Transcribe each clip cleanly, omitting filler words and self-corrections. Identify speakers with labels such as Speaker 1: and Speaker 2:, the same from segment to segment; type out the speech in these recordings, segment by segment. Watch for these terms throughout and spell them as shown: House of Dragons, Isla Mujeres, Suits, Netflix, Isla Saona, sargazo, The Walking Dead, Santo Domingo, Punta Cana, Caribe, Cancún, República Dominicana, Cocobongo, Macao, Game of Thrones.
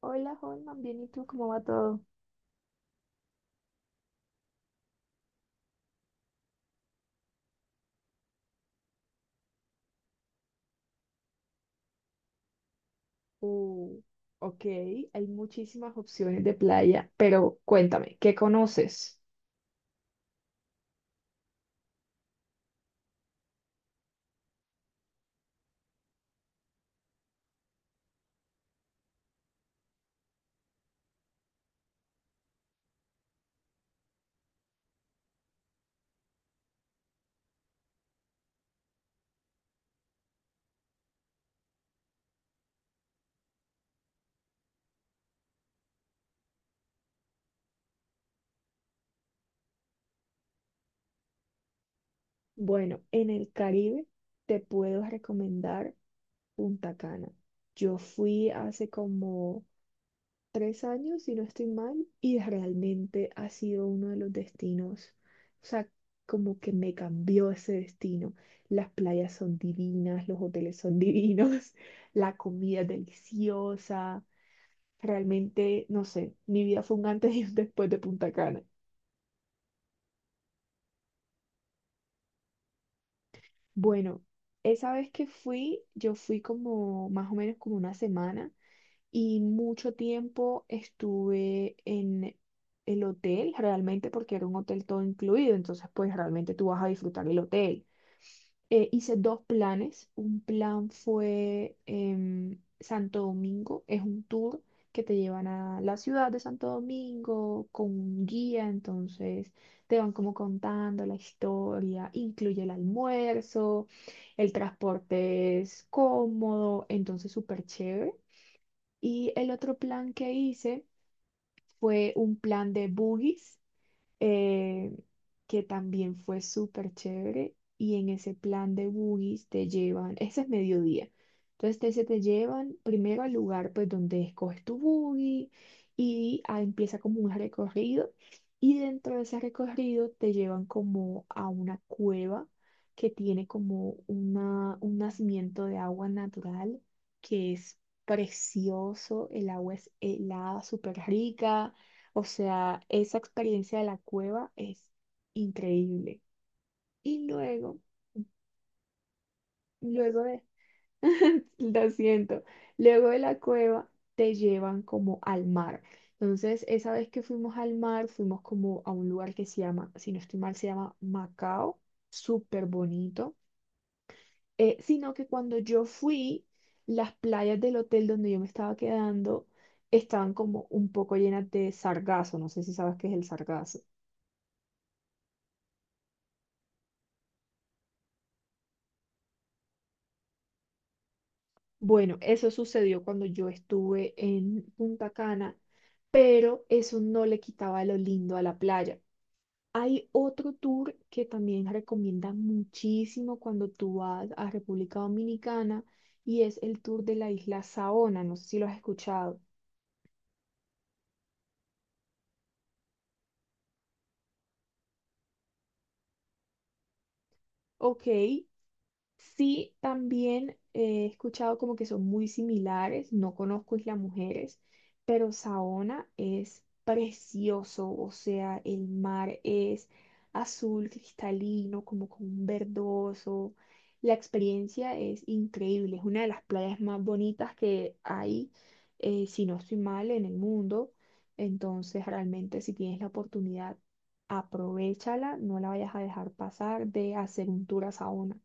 Speaker 1: Hola, Holman, bien, ¿y tú cómo va todo? Uh, ok, hay muchísimas opciones de playa, pero cuéntame, ¿qué conoces? Bueno, en el Caribe te puedo recomendar Punta Cana. Yo fui hace como 3 años, si no estoy mal, y realmente ha sido uno de los destinos, o sea, como que me cambió ese destino. Las playas son divinas, los hoteles son divinos, la comida es deliciosa. Realmente, no sé, mi vida fue un antes y un después de Punta Cana. Bueno, esa vez que fui, yo fui como más o menos como una semana y mucho tiempo estuve en el hotel, realmente porque era un hotel todo incluido, entonces pues realmente tú vas a disfrutar el hotel. Hice dos planes. Un plan fue Santo Domingo, es un tour que te llevan a la ciudad de Santo Domingo con un guía, entonces te van como contando la historia, incluye el almuerzo, el transporte es cómodo, entonces súper chévere. Y el otro plan que hice fue un plan de boogies eh, que también fue súper chévere. Y en ese plan de boogies te llevan, ese es mediodía. Entonces te, se te llevan primero al lugar pues donde escoges tu boogie y ah, empieza como un recorrido. Y dentro de ese recorrido te llevan como a una cueva que tiene como un nacimiento de agua natural que es precioso, el agua es helada, súper rica, o sea, esa experiencia de la cueva es increíble. Y luego, luego de, lo siento, luego de la cueva te llevan como al mar. Entonces, esa vez que fuimos al mar, fuimos como a un lugar que se llama, si no estoy mal, se llama Macao, súper bonito. Sino que cuando yo fui, las playas del hotel donde yo me estaba quedando estaban como un poco llenas de sargazo. No sé si sabes qué es el sargazo. Bueno, eso sucedió cuando yo estuve en Punta Cana, pero eso no le quitaba lo lindo a la playa. Hay otro tour que también recomienda muchísimo cuando tú vas a República Dominicana y es el tour de la isla Saona. No sé si lo has escuchado. Ok. Sí, también he escuchado como que son muy similares, no conozco Isla Mujeres, pero Saona es precioso, o sea, el mar es azul cristalino, como con un verdoso. La experiencia es increíble, es una de las playas más bonitas que hay, si no estoy mal, en el mundo. Entonces, realmente si tienes la oportunidad, aprovéchala, no la vayas a dejar pasar de hacer un tour a Saona.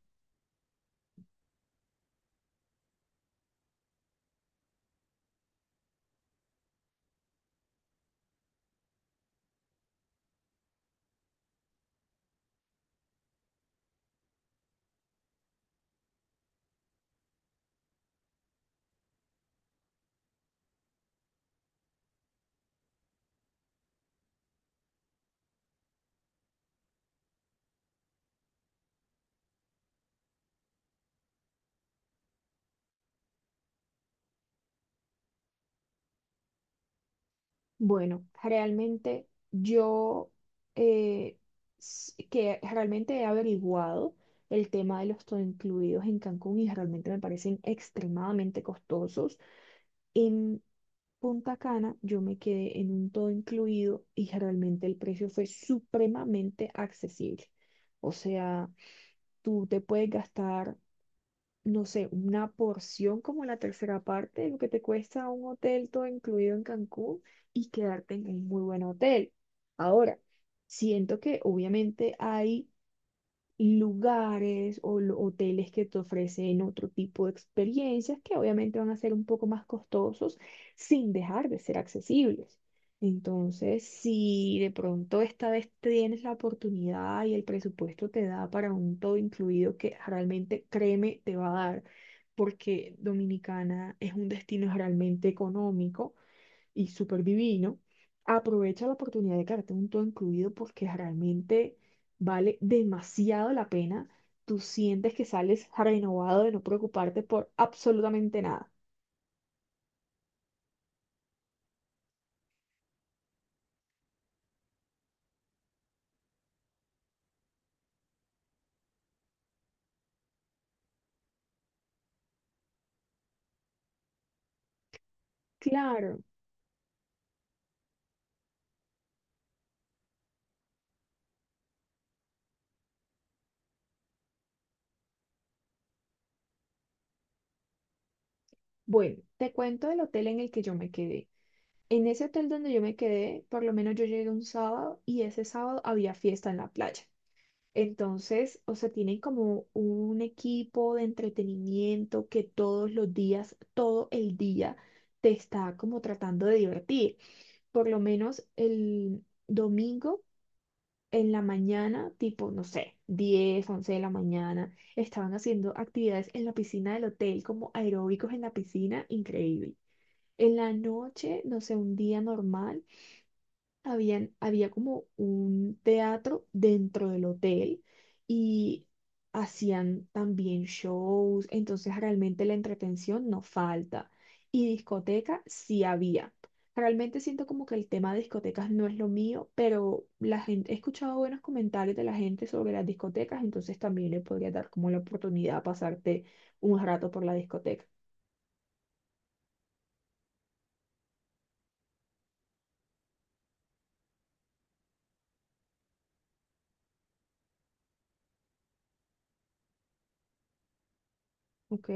Speaker 1: Bueno, realmente yo eh, que realmente he averiguado el tema de los todo incluidos en Cancún y realmente me parecen extremadamente costosos. En Punta Cana yo me quedé en un todo incluido y realmente el precio fue supremamente accesible. O sea, tú te puedes gastar, no sé, una porción como la tercera parte de lo que te cuesta un hotel todo incluido en Cancún y quedarte en un muy buen hotel. Ahora, siento que obviamente hay lugares o hoteles que te ofrecen otro tipo de experiencias que obviamente van a ser un poco más costosos sin dejar de ser accesibles. Entonces, si de pronto esta vez tienes la oportunidad y el presupuesto te da para un todo incluido que realmente, créeme, te va a dar, porque Dominicana es un destino realmente económico y súper divino, aprovecha la oportunidad de quedarte un todo incluido porque realmente vale demasiado la pena. Tú sientes que sales renovado de no preocuparte por absolutamente nada. Claro. Bueno, te cuento del hotel en el que yo me quedé. En ese hotel donde yo me quedé, por lo menos yo llegué un sábado y ese sábado había fiesta en la playa. Entonces, o sea, tienen como un equipo de entretenimiento que todos los días, todo el día, te está como tratando de divertir. Por lo menos el domingo en la mañana, tipo, no sé, 10 11 de la mañana, estaban haciendo actividades en la piscina del hotel, como aeróbicos en la piscina, increíble. En la noche, no sé, un día normal había como un teatro dentro del hotel y hacían también shows, entonces realmente la entretención no falta. Y discoteca sí había. Realmente siento como que el tema de discotecas no es lo mío, pero la gente, he escuchado buenos comentarios de la gente sobre las discotecas, entonces también le podría dar como la oportunidad a pasarte un rato por la discoteca. Ok.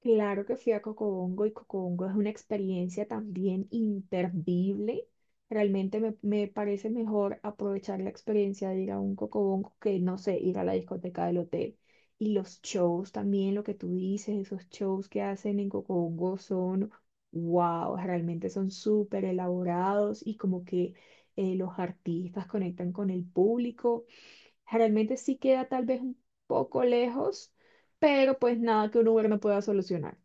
Speaker 1: Claro que fui a Cocobongo y Cocobongo es una experiencia también imperdible. Realmente me parece mejor aprovechar la experiencia de ir a un Cocobongo que, no sé, ir a la discoteca del hotel. Y los shows también, lo que tú dices, esos shows que hacen en Cocobongo son, wow, realmente son súper elaborados y como que los artistas conectan con el público. Realmente sí queda tal vez un poco lejos, pero pues nada que un Uber no pueda solucionar.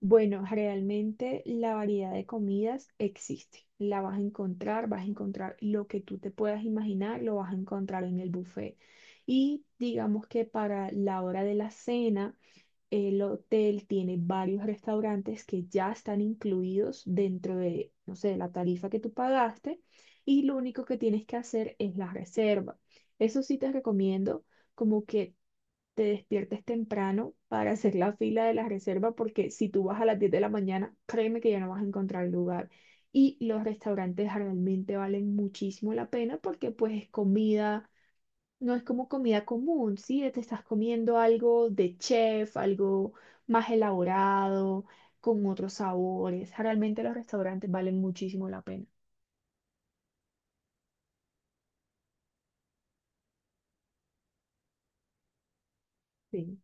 Speaker 1: Bueno, realmente la variedad de comidas existe. La vas a encontrar lo que tú te puedas imaginar, lo vas a encontrar en el buffet. Y digamos que para la hora de la cena, el hotel tiene varios restaurantes que ya están incluidos dentro de, no sé, la tarifa que tú pagaste y lo único que tienes que hacer es la reserva. Eso sí te recomiendo como que te despiertes temprano para hacer la fila de la reserva, porque si tú vas a las 10 de la mañana, créeme que ya no vas a encontrar lugar. Y los restaurantes realmente valen muchísimo la pena porque pues es comida, no es como comida común, ¿sí? Te estás comiendo algo de chef, algo más elaborado, con otros sabores. Realmente los restaurantes valen muchísimo la pena. Sí.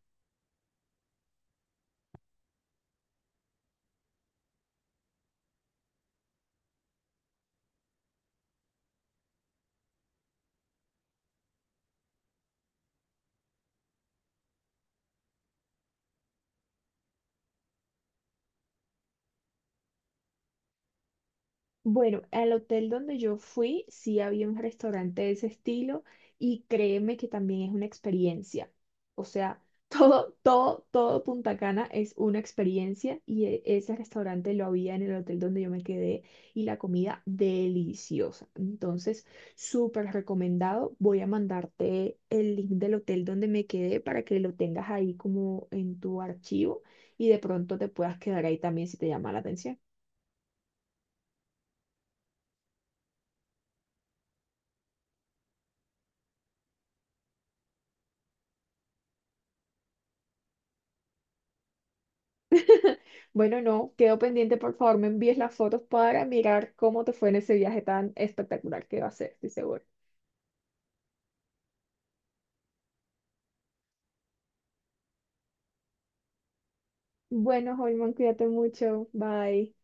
Speaker 1: Bueno, al hotel donde yo fui, sí había un restaurante de ese estilo y créeme que también es una experiencia. O sea, todo, todo, todo Punta Cana es una experiencia y ese restaurante lo había en el hotel donde yo me quedé y la comida deliciosa. Entonces, súper recomendado. Voy a mandarte el link del hotel donde me quedé para que lo tengas ahí como en tu archivo y de pronto te puedas quedar ahí también si te llama la atención. Bueno, no, quedo pendiente, por favor, me envíes las fotos para mirar cómo te fue en ese viaje tan espectacular que va a ser, estoy seguro. Bueno, Holman, cuídate mucho, bye.